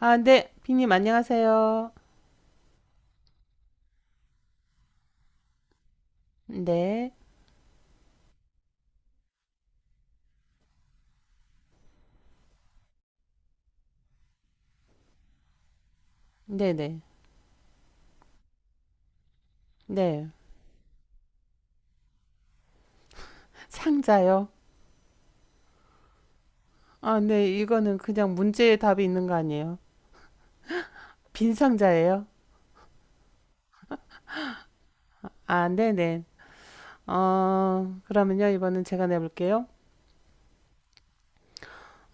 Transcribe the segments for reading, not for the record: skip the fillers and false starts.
아, 네. 비님 안녕하세요. 네. 네네. 네. 상자요? 아, 네. 이거는 그냥 문제의 답이 있는 거 아니에요? 빈 상자예요? 아, 네네. 그러면요. 이번엔 제가 내볼게요.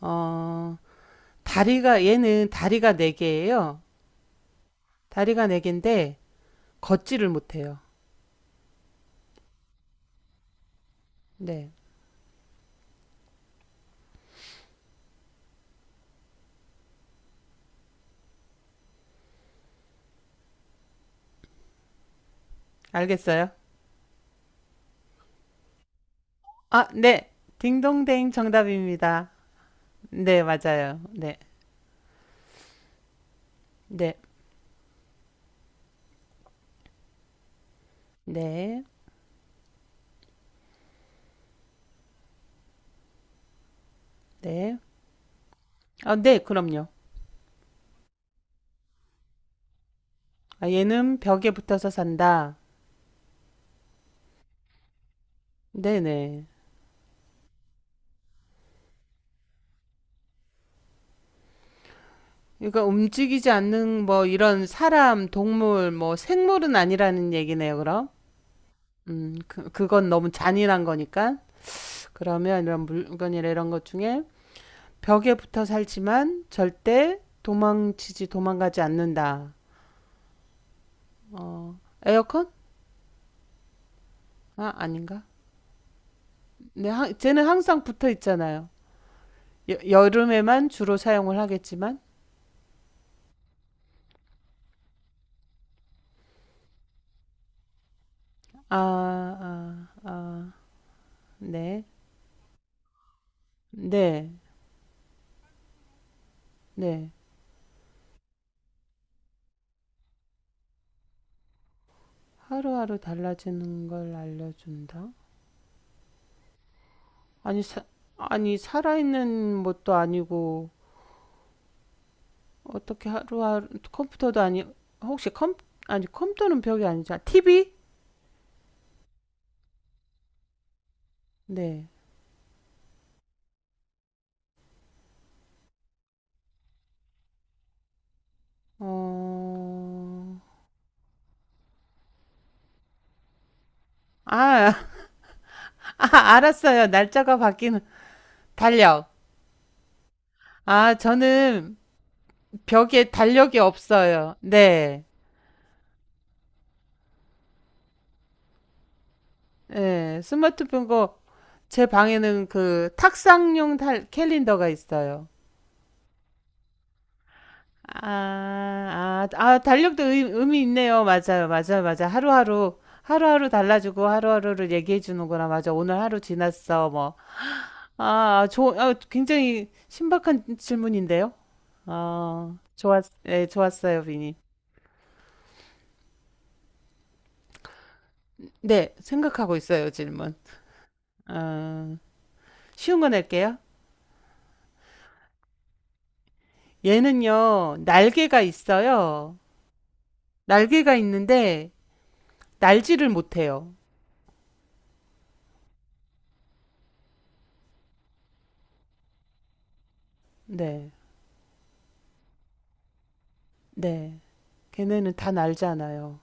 어, 얘는 다리가 네개예요. 다리가 네개인데 걷지를 못해요. 네. 알겠어요? 아, 네. 딩동댕 정답입니다. 네, 맞아요. 네. 네. 네. 네. 아, 네. 그럼요. 아, 얘는 벽에 붙어서 산다. 네네. 그러니까 움직이지 않는 뭐 이런 사람, 동물, 뭐 생물은 아니라는 얘기네요, 그럼. 그, 그건 너무 잔인한 거니까. 그러면 이런 물건이나 이런 것 중에 벽에 붙어 살지만 절대 도망치지, 도망가지 않는다. 에어컨? 아, 아닌가? 네, 하, 쟤는 항상 붙어 있잖아요. 여, 여름에만 주로 사용을 하겠지만. 아, 아, 아, 네. 네, 네. 하루하루 달라지는 걸 알려준다? 아니, 사, 아니, 살아있는 것도 아니고, 어떻게 하루하루, 컴퓨터도 아니, 혹시 컴, 아니, 컴퓨터는 벽이 아니잖아. TV? 네. 어, 아, 아, 알았어요. 날짜가 바뀌는, 달력. 아, 저는 벽에 달력이 없어요. 네. 네, 스마트폰 거, 제 방에는 그 탁상용 달, 캘린더가 있어요. 아, 아, 아, 달력도 의, 의미 있네요. 맞아요, 맞아요, 맞아. 하루하루, 하루하루 달라지고 하루하루를 얘기해 주는구나. 맞아. 오늘 하루 지났어. 뭐. 아, 아, 조, 아, 굉장히 신박한 질문인데요. 아, 좋았, 네, 좋았어요, 비니. 네, 생각하고 있어요, 질문. 아, 쉬운 거 낼게요. 얘는요, 날개가 있어요. 날개가 있는데, 날지를 못해요. 네, 네. 걔네는 다 날잖아요.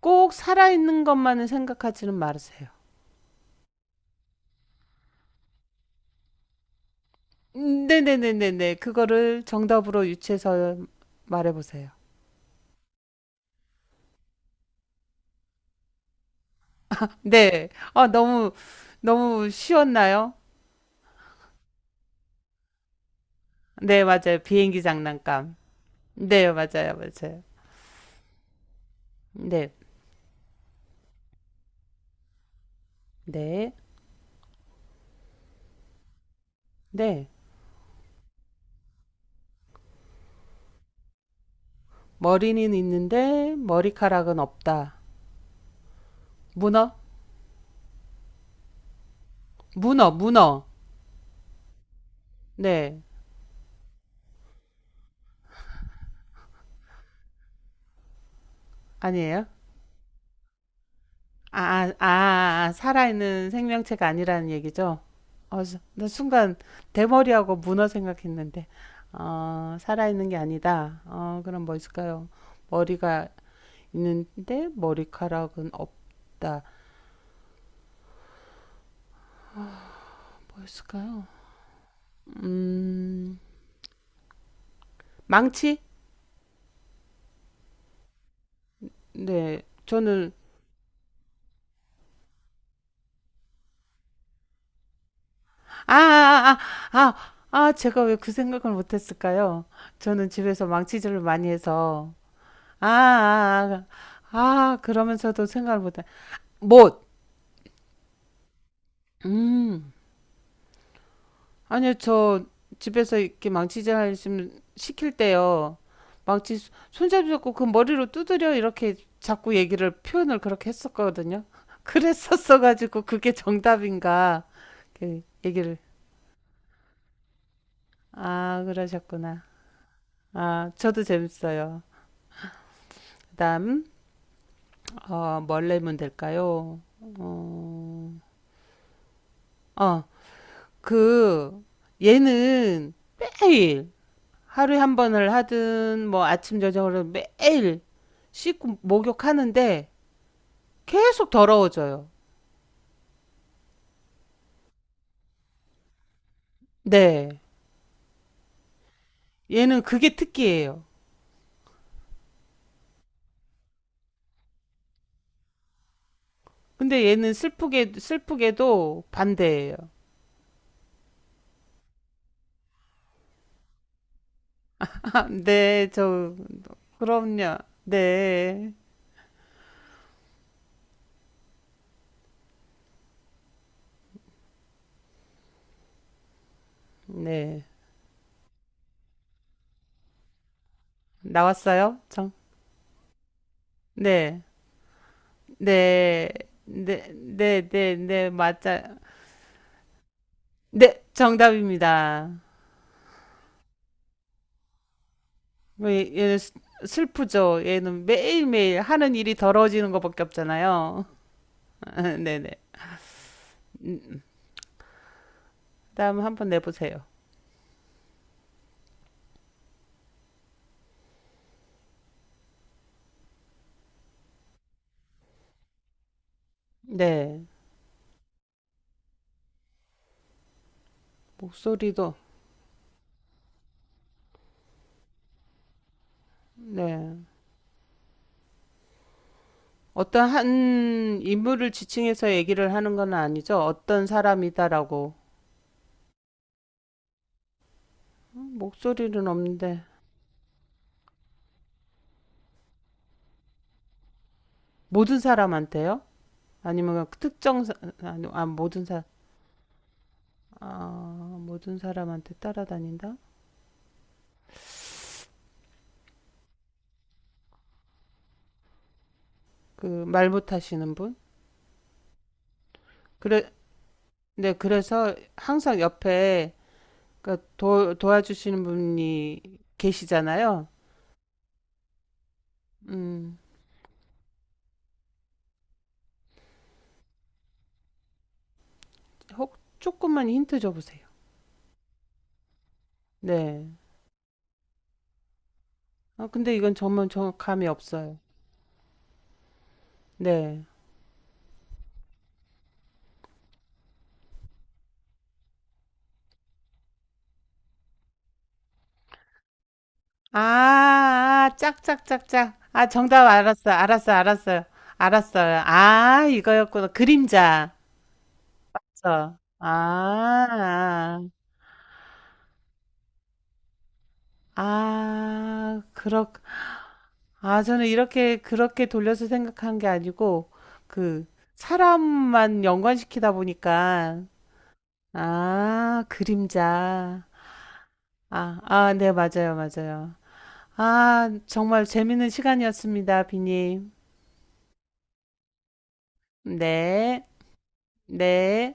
꼭 살아있는 것만을 생각하지는 마세요. 네네네네네. 그거를 정답으로 유추해서 말해보세요. 네. 아, 너무, 너무 쉬웠나요? 네, 맞아요. 비행기 장난감. 네, 맞아요. 맞아요. 네. 네. 네. 머리는 있는데 머리카락은 없다. 문어? 문어, 문어. 네. 아니에요? 아, 아, 아, 살아있는 생명체가 아니라는 얘기죠? 수- 나 순간 대머리하고 문어 생각했는데, 어, 살아있는 게 아니다. 어, 그럼 뭐 있을까요? 머리가 있는데 머리카락은 없다. 뭐 있을까요? 음, 망치? 네, 저는, 아, 아, 아, 아, 아, 아, 제가 왜 그 생각을 못했을까요? 저는 집에서 망치질을 많이 해서, 아, 아, 아, 아, 그러면서도 생각을 못했어요. 못. 음. 아니요, 저 집에서 이렇게 망치질 하시면 시킬 때요. 망치 손잡이 잡고 그 머리로 두드려 이렇게 자꾸 얘기를 표현을 그렇게 했었거든요. 그랬었어 가지고 그게 정답인가 이렇게 얘기를. 아, 그러셨구나. 아, 저도 재밌어요. 그다음 어, 뭘 내면 될까요? 어, 어, 그 얘는 매일 하루에 한 번을 하든 뭐 아침 저녁으로 매일 씻고 목욕하는데 계속 더러워져요. 네. 얘는 그게 특기예요. 근데 얘는 슬프게 슬프게도 반대예요. 아, 네, 저. 그럼요. 네. 네. 나왔어요? 정. 네. 네. 네, 네, 네, 네, 맞아. 네, 정답입니다. 얘는 슬- 프죠. 얘는 매일매일 하는 일이 더러워지는 것밖에 없잖아요. 네네. 음, 음. 다음 한번 내보세요. 네. 목소리도, 네. 어떤 한 인물을 지칭해서 얘기를 하는 건 아니죠. 어떤 사람이다라고. 목소리는 없는데. 모든 사람한테요? 아니면 그 특정, 사, 아니, 아, 모든 사, 아, 모든 사람한테 따라다닌다? 그, 말 못하시는 분? 그래, 네, 그래서 항상 옆에 그러니까 도, 도와주시는 분이 계시잖아요. 음, 혹 조금만 힌트 줘보세요. 네. 아, 근데 이건 정말 정 감이 없어요. 네. 아, 아, 짝짝짝짝. 아, 정답 알았어. 알았어. 알았어요. 알았어요. 아, 이거였구나. 그림자. 그쵸? 아, 아, 아, 그렇, 아, 저는 이렇게, 그렇게 돌려서 생각한 게 아니고, 그, 사람만 연관시키다 보니까, 아, 그림자. 아, 아, 네, 맞아요, 맞아요. 아, 정말 재밌는 시간이었습니다, 비님. 네, 네.